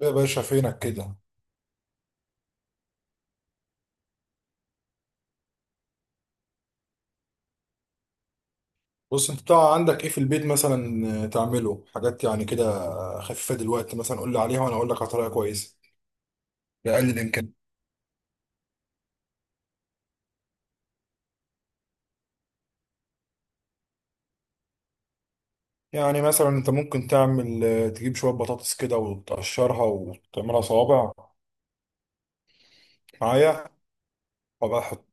يا باشا فينك كده. بص انت بتاع عندك ايه في البيت مثلا تعمله حاجات يعني كده خفيفه دلوقتي مثلا قول لي عليها وانا اقول لك على طريقه كويسه باقل الامكان. يعني مثلا انت ممكن تعمل تجيب شويه بطاطس كده وتقشرها وتعملها صوابع معايا. وبقى حط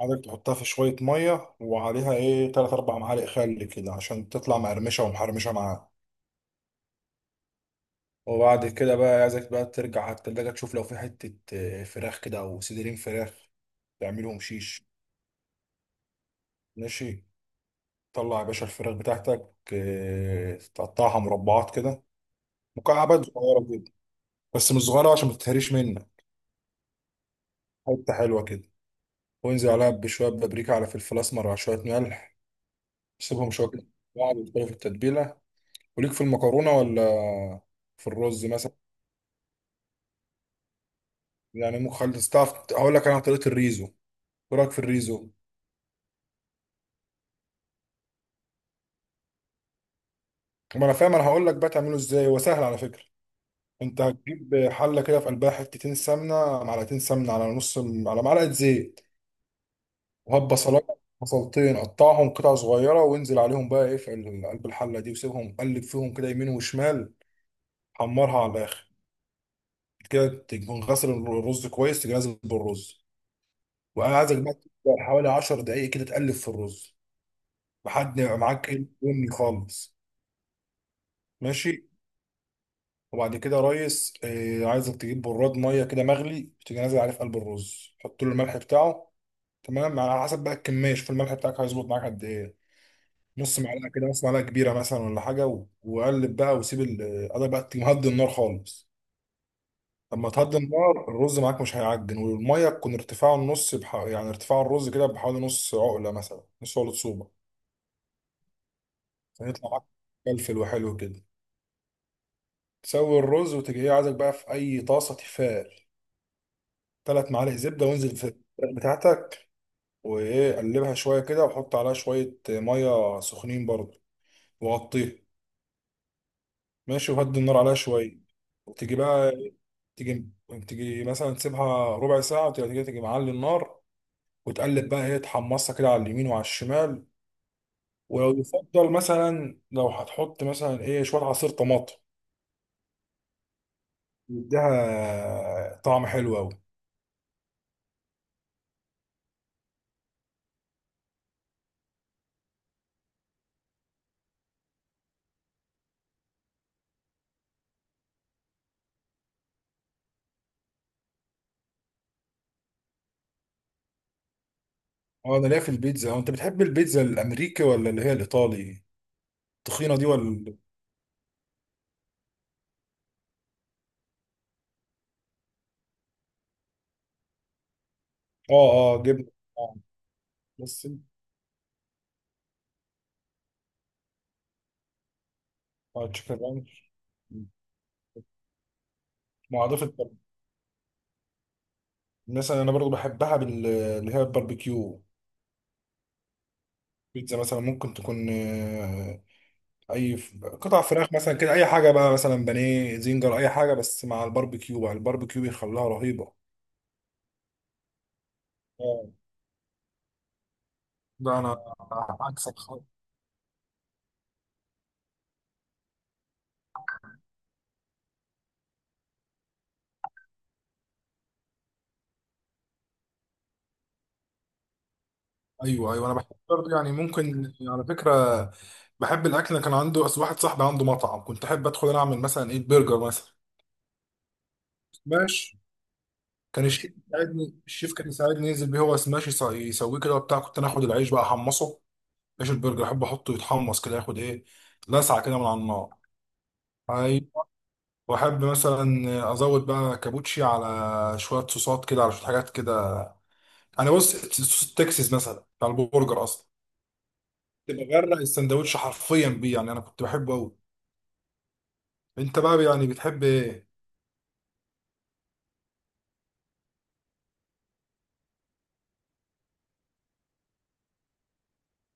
عادك تحطها في شويه ميه وعليها ايه تلات اربع معالق خل كده عشان تطلع مقرمشه ومحرمشه معاها. وبعد كده بقى عايزك بقى ترجع على التلاجة تشوف لو في حتة فراخ كده أو صدرين فراخ تعملهم شيش. ماشي، طلع يا باشا الفراخ بتاعتك، تقطعها مربعات كده، مكعبات صغيرة كده، بس مش صغيرة عشان ما تتهريش منك، حتة حلوة كده. وانزل عليها بشوية بابريكا على فلفل أسمر على شوية ملح، سيبهم شوية كده بعض يدخلوا في التتبيلة. وليك في المكرونة ولا في الرز مثلا؟ يعني ممكن خالص، تعرف هقول لك أنا عن طريقة الريزو. إيه رأيك في الريزو؟ ما أنا فاهم، أنا هقول لك بقى تعمله إزاي، هو سهل على فكرة. أنت هتجيب حلة كده في قلبها حتتين سمنة، معلقتين سمنة على نص على معلقة زيت، وهات بصلايه، بصلتين قطعهم قطع صغيره وانزل عليهم بقى ايه في قلب الحله دي وسيبهم قلب فيهم كده يمين وشمال، حمرها على الاخر. كده تكون غسل الرز كويس، تيجي نازل بالرز، وانا عايزك بقى تبدأ حوالي 10 دقائق كده تقلب في الرز لحد ما يبقى معاك ايه بني خالص. ماشي، وبعد كده يا ريس آه عايزك تجيب براد ميه كده مغلي، تيجي نازل عليه في قلب الرز، حط له الملح بتاعه تمام، على حسب بقى الكميه، شوف الملح بتاعك هيظبط معاك قد ايه، نص معلقه كده، نص معلقه كبيره مثلا ولا حاجه، وقلب بقى وسيب قلب بقى تهدي النار خالص. لما تهدي النار الرز معاك مش هيعجن، والميه تكون ارتفاعه النص يعني ارتفاع الرز كده بحوالي نص عقله مثلا، نص عقله صوبه. هيطلع معاك فلفل وحلو كده، تسوي الرز وتيجي ايه عايزك بقى في اي طاسه تيفال، ثلاث معالق زبده، وانزل في الفراخ بتاعتك وايه قلبها شويه كده، وحط عليها شويه ميه سخنين برضه وغطيها. ماشي، وهدي النار عليها شويه، وتيجي بقى، تيجي تيجي مثلا تسيبها ربع ساعة وتيجي، تيجي معلي النار، وتقلب بقى ايه، تحمصها كده على اليمين وعلى الشمال. ولو يفضل مثلا، لو هتحط مثلا ايه شوية عصير طماطم يديها طعم حلو أوي. اه، انا ليا في البيتزا. هو انت بتحب البيتزا الامريكي ولا اللي هي الايطالي التخينة دي ولا؟ اه، اه جبنة. آه. بس اه، تشيكن رانش. معضفة مثلا انا برضو بحبها اللي هي الباربيكيو. بيتزا مثلا ممكن تكون اي قطع فراخ مثلا كده، اي حاجه بقى مثلا بانيه، زنجر، اي حاجه، بس مع الباربيكيو بقى، الباربيكيو بيخليها رهيبه. اه، ده انا عكسك خالص. ايوه ايوه، انا بحب برضه يعني، ممكن على فكره بحب الاكل. أنا كان عنده أصل واحد صاحبي عنده مطعم، كنت احب ادخل انا اعمل مثلا ايه برجر مثلا سماش. كان الشيف يساعدني، الشيف كان يساعدني ينزل بيه، هو سماش يسويه كده وبتاع، كنت انا اخد العيش بقى احمصه، عيش البرجر احب احطه يتحمص كده ياخد ايه، لسعه كده من على النار. أيوه. واحب مثلا ازود بقى كابوتشي على شويه صوصات كده، على شويه حاجات كده. انا بص صوص التكساس مثلا بتاع البرجر اصلا تبقى غرق السندوتش حرفيا بيه، يعني انا كنت بحبه قوي. انت بقى يعني بتحب ايه؟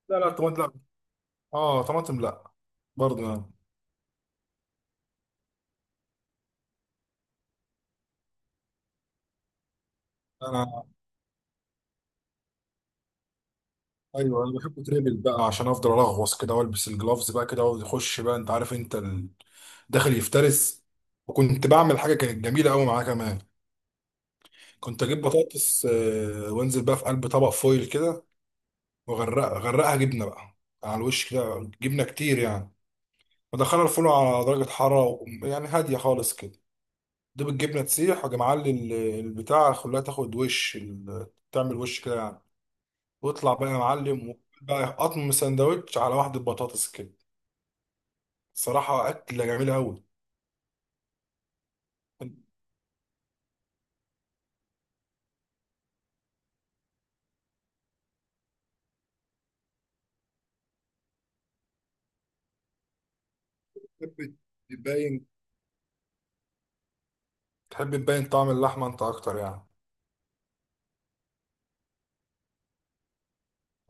لا لا، طماطم لا، اه طماطم لا برضه يعني. انا ايوه، انا بحبه تريبل بقى عشان افضل الغوص كده والبس الجلافز بقى كده واقعد يخش بقى، انت عارف انت داخل يفترس. وكنت بعمل حاجه كانت جميله قوي معاه كمان، كنت اجيب بطاطس، وانزل بقى في قلب طبق فويل كده، وغرقها غرقها جبنه بقى على الوش كده، جبنه كتير يعني، ودخلها الفرن على درجه حراره يعني هاديه خالص كده، دوب الجبنه تسيح وأجي معلي البتاع، خليها تاخد وش تعمل وش كده يعني، واطلع بقى يا معلم وكل بقى، قطم سندوتش على واحده بطاطس كده، صراحه اكله جميله قوي. تحب تبين تحب تبين طعم اللحمه انت اكتر يعني؟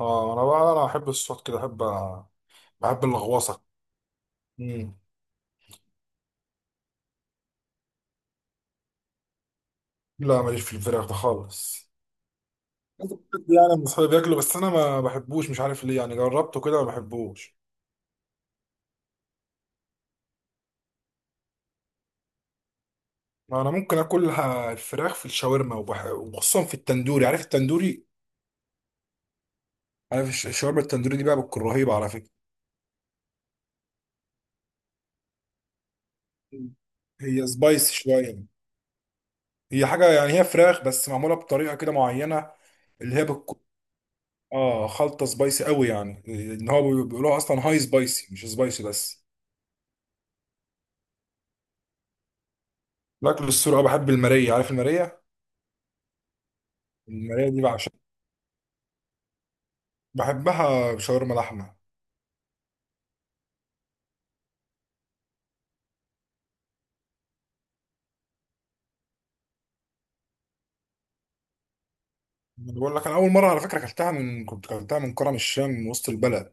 اه انا بقى انا بحب الصوت كده، بحب بحب اللغوصه. مم. لا ماليش في الفراخ ده خالص، يعني من اصحابي بياكله بس انا ما بحبوش، مش عارف ليه يعني، جربته كده ما بحبوش. انا ممكن اكل الفراخ في الشاورما وخصوصا في التندوري، عارف التندوري؟ عارف الشاورما التندوري دي بقى، بتكون رهيبه على فكره. مم. هي سبايسي شويه، هي حاجه يعني، هي فراخ بس معموله بطريقه كده معينه، اللي هي بتكون اه خلطه سبايسي قوي يعني، ان هو بيقولوها اصلا هاي سبايسي، مش سبايسي بس. باكل السوري اه، بحب الماريه، عارف الماريه؟ الماريه دي بعشق، بحبها بشاورما لحمه. بقول لك انا اول مره على فكره اكلتها، من كنت اكلتها من كرم الشام من وسط البلد،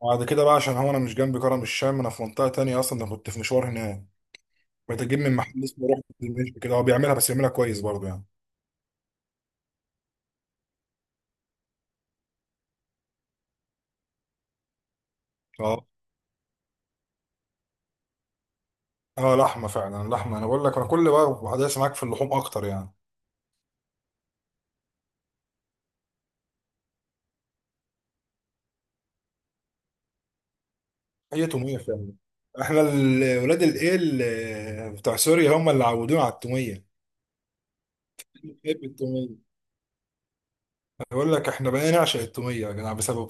وبعد كده بقى عشان هو انا مش جنب كرم الشام، انا في منطقه تانية اصلا، انا كنت في مشوار هناك، بتجيب من محل اسمه روح دمشق كده، هو بيعملها بس بيعملها كويس برضه يعني. اه اه، لحمه فعلا لحمه، انا بقول لك انا كل بقى بحدث معاك في اللحوم اكتر يعني. هي توميه فعلا، احنا ولاد الايه بتاع سوريا هم اللي عودونا على التوميه، بنحب التوميه. بقول لك احنا بقينا نعشق التوميه يا جدع بسببه.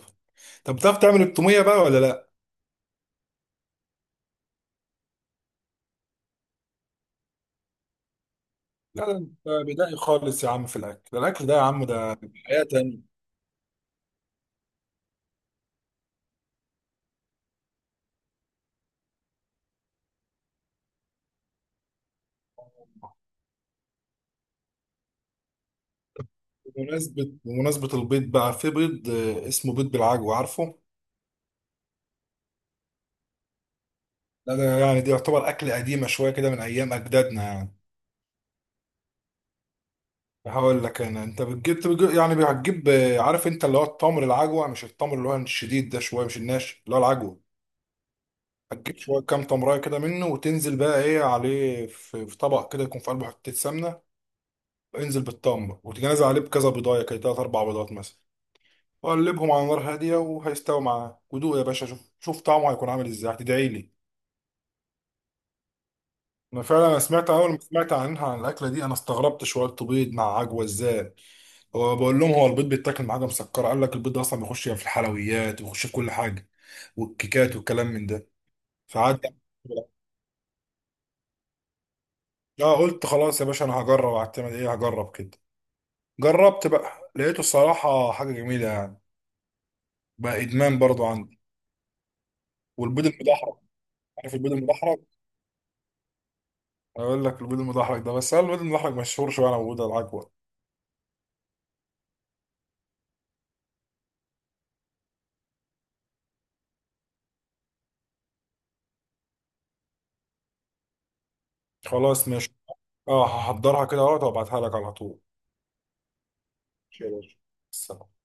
طب بتعرف تعمل التوميه بقى ولا لا؟ لا ده انت بدائي خالص يا عم في الاكل، الاكل ده يا عم ده حياة تانية. بمناسبة البيض بقى، في بيض اسمه بيض بالعجوة عارفه؟ لا ده يعني، دي يعتبر اكل قديمة شوية كده من ايام اجدادنا يعني. هقول لك انا، انت يعني هتجيب، عارف انت اللي هو التمر العجوة، مش التمر اللي هو الشديد ده شوية، مش الناشف، اللي هو العجوة، هتجيب شوية كام تمراية كده منه وتنزل بقى ايه عليه في في طبق كده يكون في قلبه حتة سمنة، انزل بالتمر وتجي نازل عليه بكذا بيضاية كده، تلات أربع بيضات مثلا، وقلبهم على نار هادية وهيستوي معاك، ودوق يا باشا شوف شوف طعمه هيكون عامل ازاي، هتدعي لي. انا فعلا انا سمعت اول ما سمعت عنها، عن الاكله دي انا استغربت شويه، بيض مع عجوه ازاي، هو بقول لهم، هو البيض بيتاكل مع حاجه مسكره؟ قال لك البيض ده اصلا بيخش يعني في الحلويات، وبيخش في كل حاجه والكيكات والكلام من ده، فقعدت اه قلت خلاص يا باشا انا هجرب، هعتمد ايه هجرب كده، جربت بقى لقيته الصراحه حاجه جميله يعني، بقى ادمان برضو عندي. والبيض المدحرج، عارف البيض المدحرج؟ اقول لك البيض المدحرج ده، بس هل البيض المدحرج مشهور شويه على موجود على العجوه. خلاص ماشي، اه هحضرها كده اهوت وابعتها لك على طول. ماشي يا باشا، سلام.